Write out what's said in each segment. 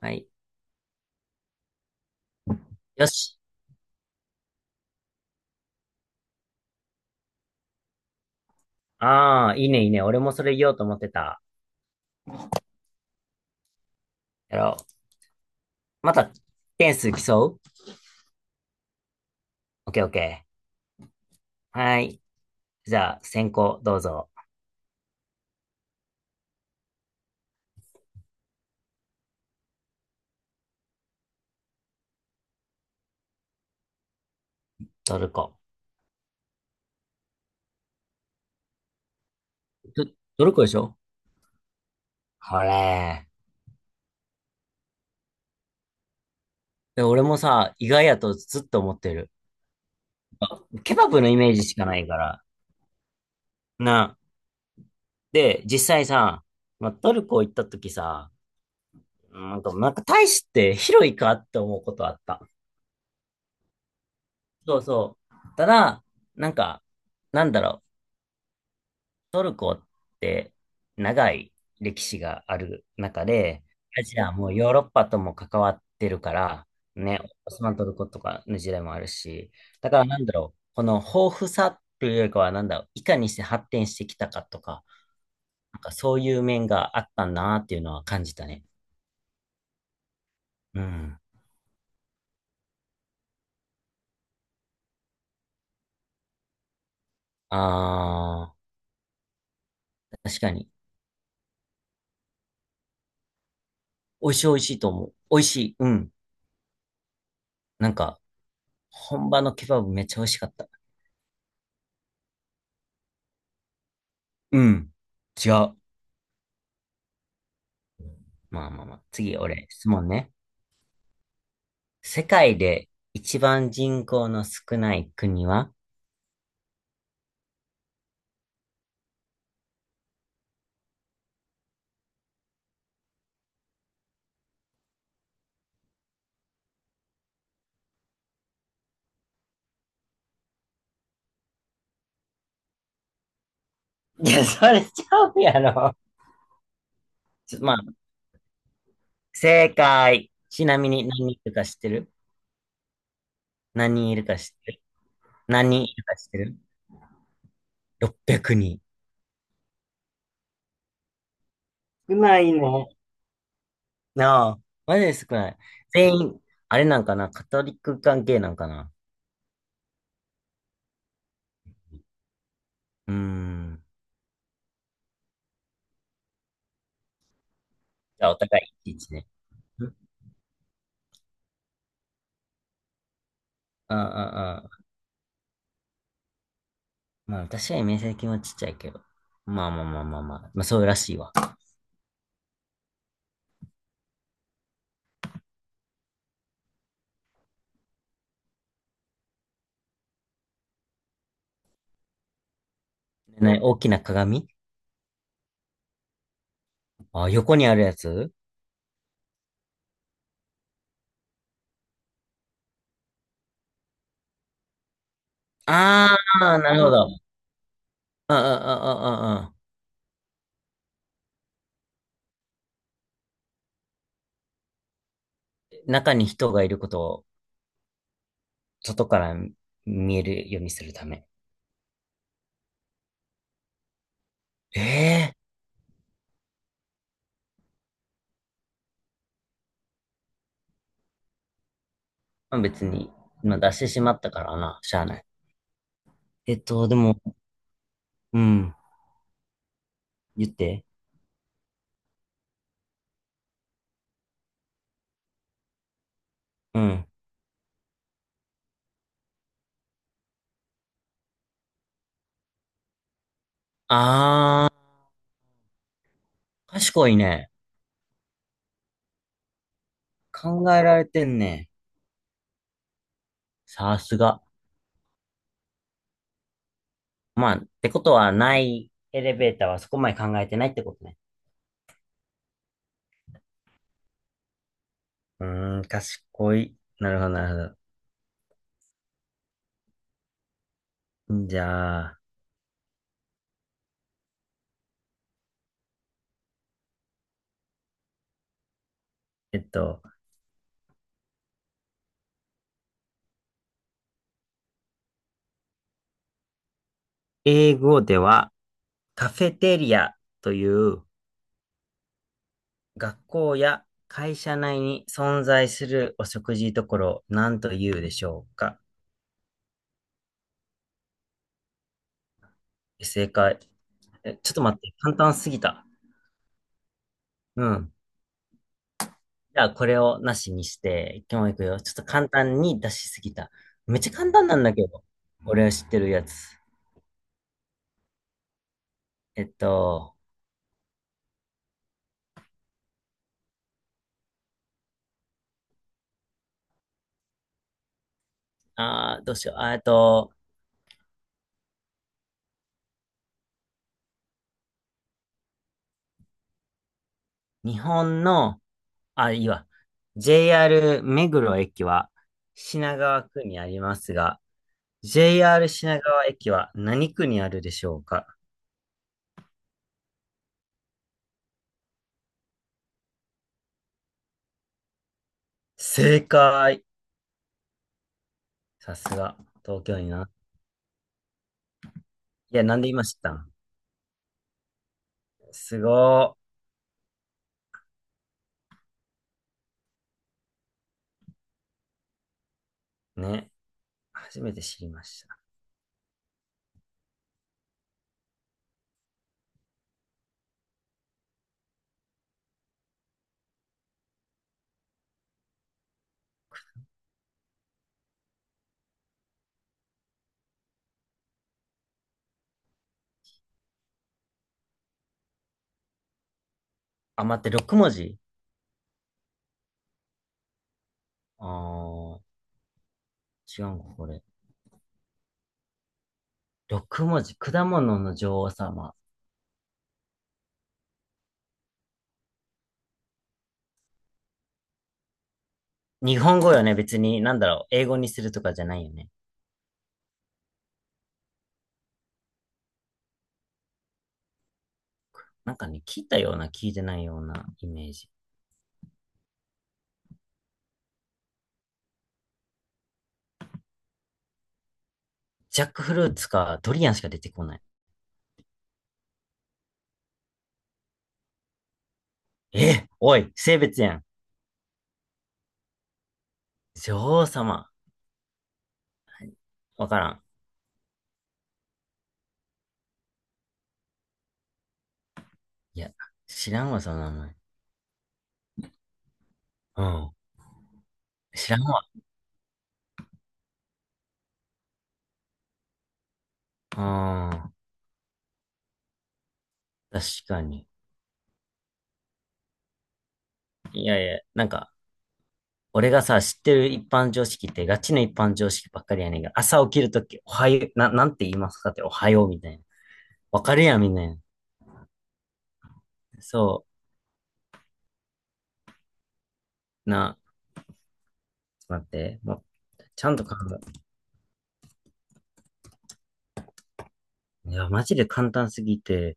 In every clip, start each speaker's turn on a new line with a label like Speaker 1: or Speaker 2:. Speaker 1: はい。よし。ああ、いいね、いいね。俺もそれ言おうと思ってた。やろう。また、点数競う。オッケーオッケー。はい。じゃあ、先行、どうぞ。トルコ。ど、トルコでしょこれ。で俺もさ、意外やとずっと思ってる。ケバブのイメージしかないから。な。で、実際さ、まあ、トルコ行った時さ、なんか大して広いかって思うことあった。そうそう。ただ、なんか、なんだろう。って長い歴史がある中で、アジアもヨーロッパとも関わってるから、ね、オスマントルコとかの時代もあるし、だからなんだろう、この豊富さというよりかは、なんだろう、いかにして発展してきたかとか、なんかそういう面があったなっていうのは感じたね。うん。ああ、確かに。美味しい美味しいと思う。美味しい。うん。なんか、本場のケバブめっちゃ美味しかった。うん。違う。まあまあまあ。次、俺、質問ね。世界で一番人口の少ない国は？いや、それちゃうやろ。まあ、正解。ちなみに何人いるか知ってる？何人いるか知ってる？何人いるか知ってる？ 600 人。少ないね。なあ、マジで少ない。全員、あれなんかな、カトリック関係なんかな。うーん。じゃあ、お互いいちいちね。ん、ああ、ああ。まあ、私は面積もちっちゃいけど。まあまあまあまあまあ。まあ、そうらしいわ。ね、大きな鏡？あ、横にあるやつ？ああー、なるほど。ああ、ああ、ああ。中に人がいることを外から見えるようにするため。ええ。まあ、別に、まあ、出してしまったからな、しゃあない。でも、うん、言って。うん。ああ、賢いね。考えられてんね。さすが。まあ、ってことはない、エレベーターはそこまで考えてないってことね。うーん、賢い。なるほど、なるほど。じゃあ、えっと、英語ではカフェテリアという学校や会社内に存在するお食事処を何と言うでしょうか？正解。え、ちょっと待って、簡単すぎた。うん。じゃあこれをなしにして、今日行くよ。ちょっと簡単に出しすぎた。めっちゃ簡単なんだけど。俺は知ってるやつ。えっと、どうしよう。日本の、あ、いいわ。JR 目黒駅は品川区にありますが、JR 品川駅は何区にあるでしょうか？正解。さすが、東京にな。いや、なんで言いました？すごー。ね。初めて知りました。あ、待って、6文字？あー、違うんか、これ。6文字。果物の女王様。日本語よね、別に。なんだろう。英語にするとかじゃないよね。なんかね、聞いたような、聞いてないようなイメージ。ジャックフルーツか、ドリアンしか出てこない。え、おい、性別やん。女王様。わからん。いや、知らんわ、その名前。うん。知らんわ。うん、確かに。いやいや、なんか、俺がさ、知ってる一般常識って、ガチの一般常識ばっかりやねんが、朝起きるとき、おはよう、なんて言いますかって、おはようみたいな。わかるやん、みんな。そう、な、ちょっと待って、もう、ちゃんと考え、いや、マジで簡単すぎて、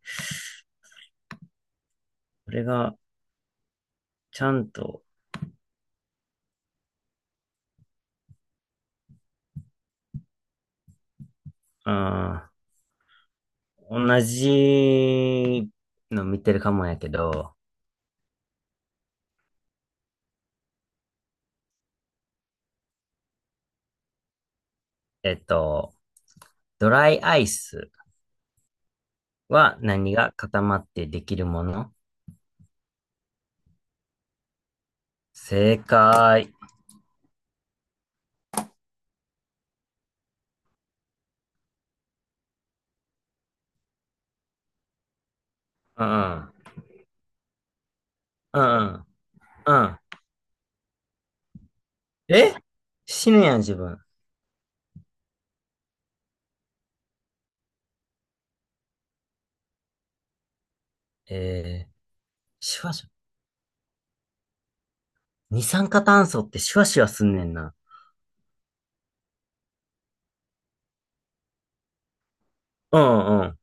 Speaker 1: 俺が、ちゃんと、あ同じの見てるかもやけど、えっと、ドライアイス。は何が固まってできるもの？正解。うん、うん、うん、うん。え、死ぬやん、自分。えー、シュワシュワ。二酸化炭素ってシュワシュワすんねんな。うん、う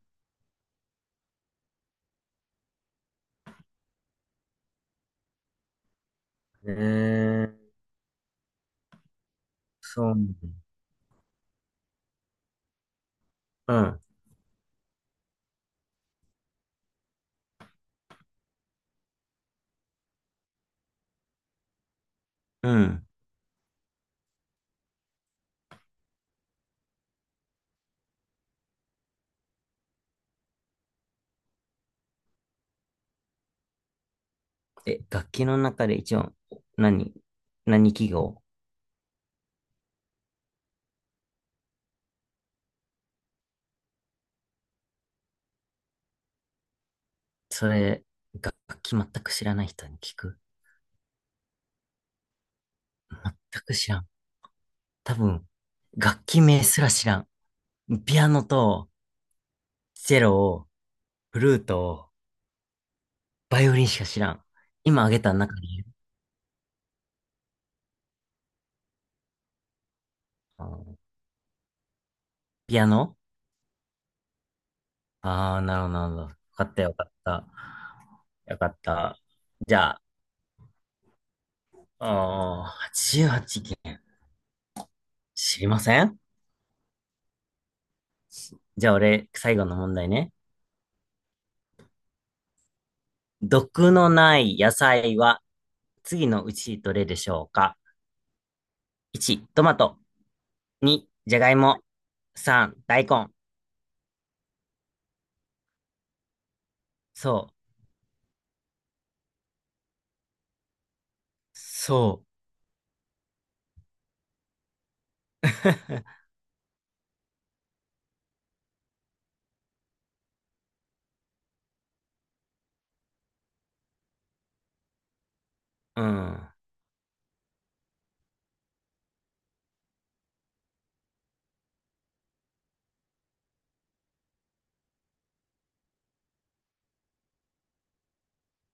Speaker 1: ん。えー、そう。うん、うん。え、楽器の中で一番、何何記号？それ、楽器全く知らない人に聞く？全く知らん。多分、楽器名すら知らん。ピアノと、チェロを、フルート、バイオリンしか知らん。今挙げた中に、あーピアノ。ああー、なるほど、なるほど。よかった、よかった。よかった。じゃあ、88件。知りません。じゃあ俺、最後の問題ね。毒のない野菜は次のうちどれでしょうか？ 1、トマト。2、じゃがいも。3、大根。そう。そう。うん。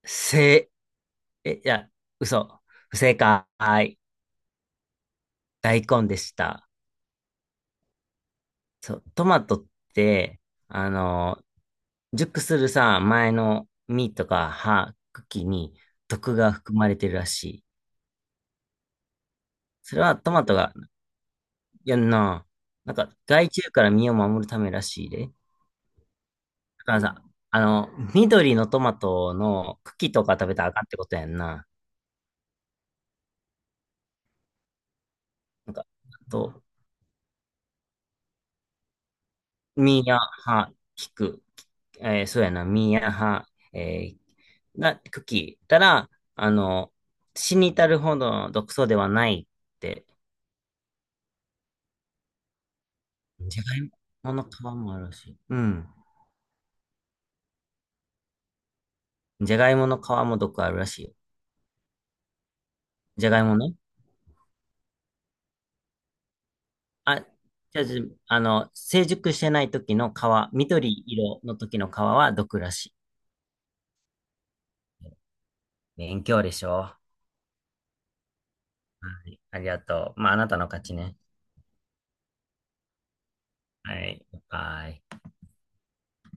Speaker 1: 正え、いや、嘘。不正解。大根でした。そう、トマトって、あの、熟するさ、前の実とか葉、茎に毒が含まれてるらしい。それはトマトが、いやんな、なんか害虫から身を守るためらしいで。だからさ、あの、緑のトマトの茎とか食べたらあかんってことやんな。なんか、あと、ミヤハ、キク、そうやな、ミヤハ、えー、な、クキたら、あの、死に至るほどの毒素ではないって、じゃがいもの皮もあるらしい。うん。じゃがいもの皮も毒あるらしいよ。じゃがいもね。あ、じゃあ、じあの、成熟してない時の皮、緑色の時の皮は毒らしい。勉強でしょ。はい、ありがとう。まあ、あなたの勝ちね。はい、バイ。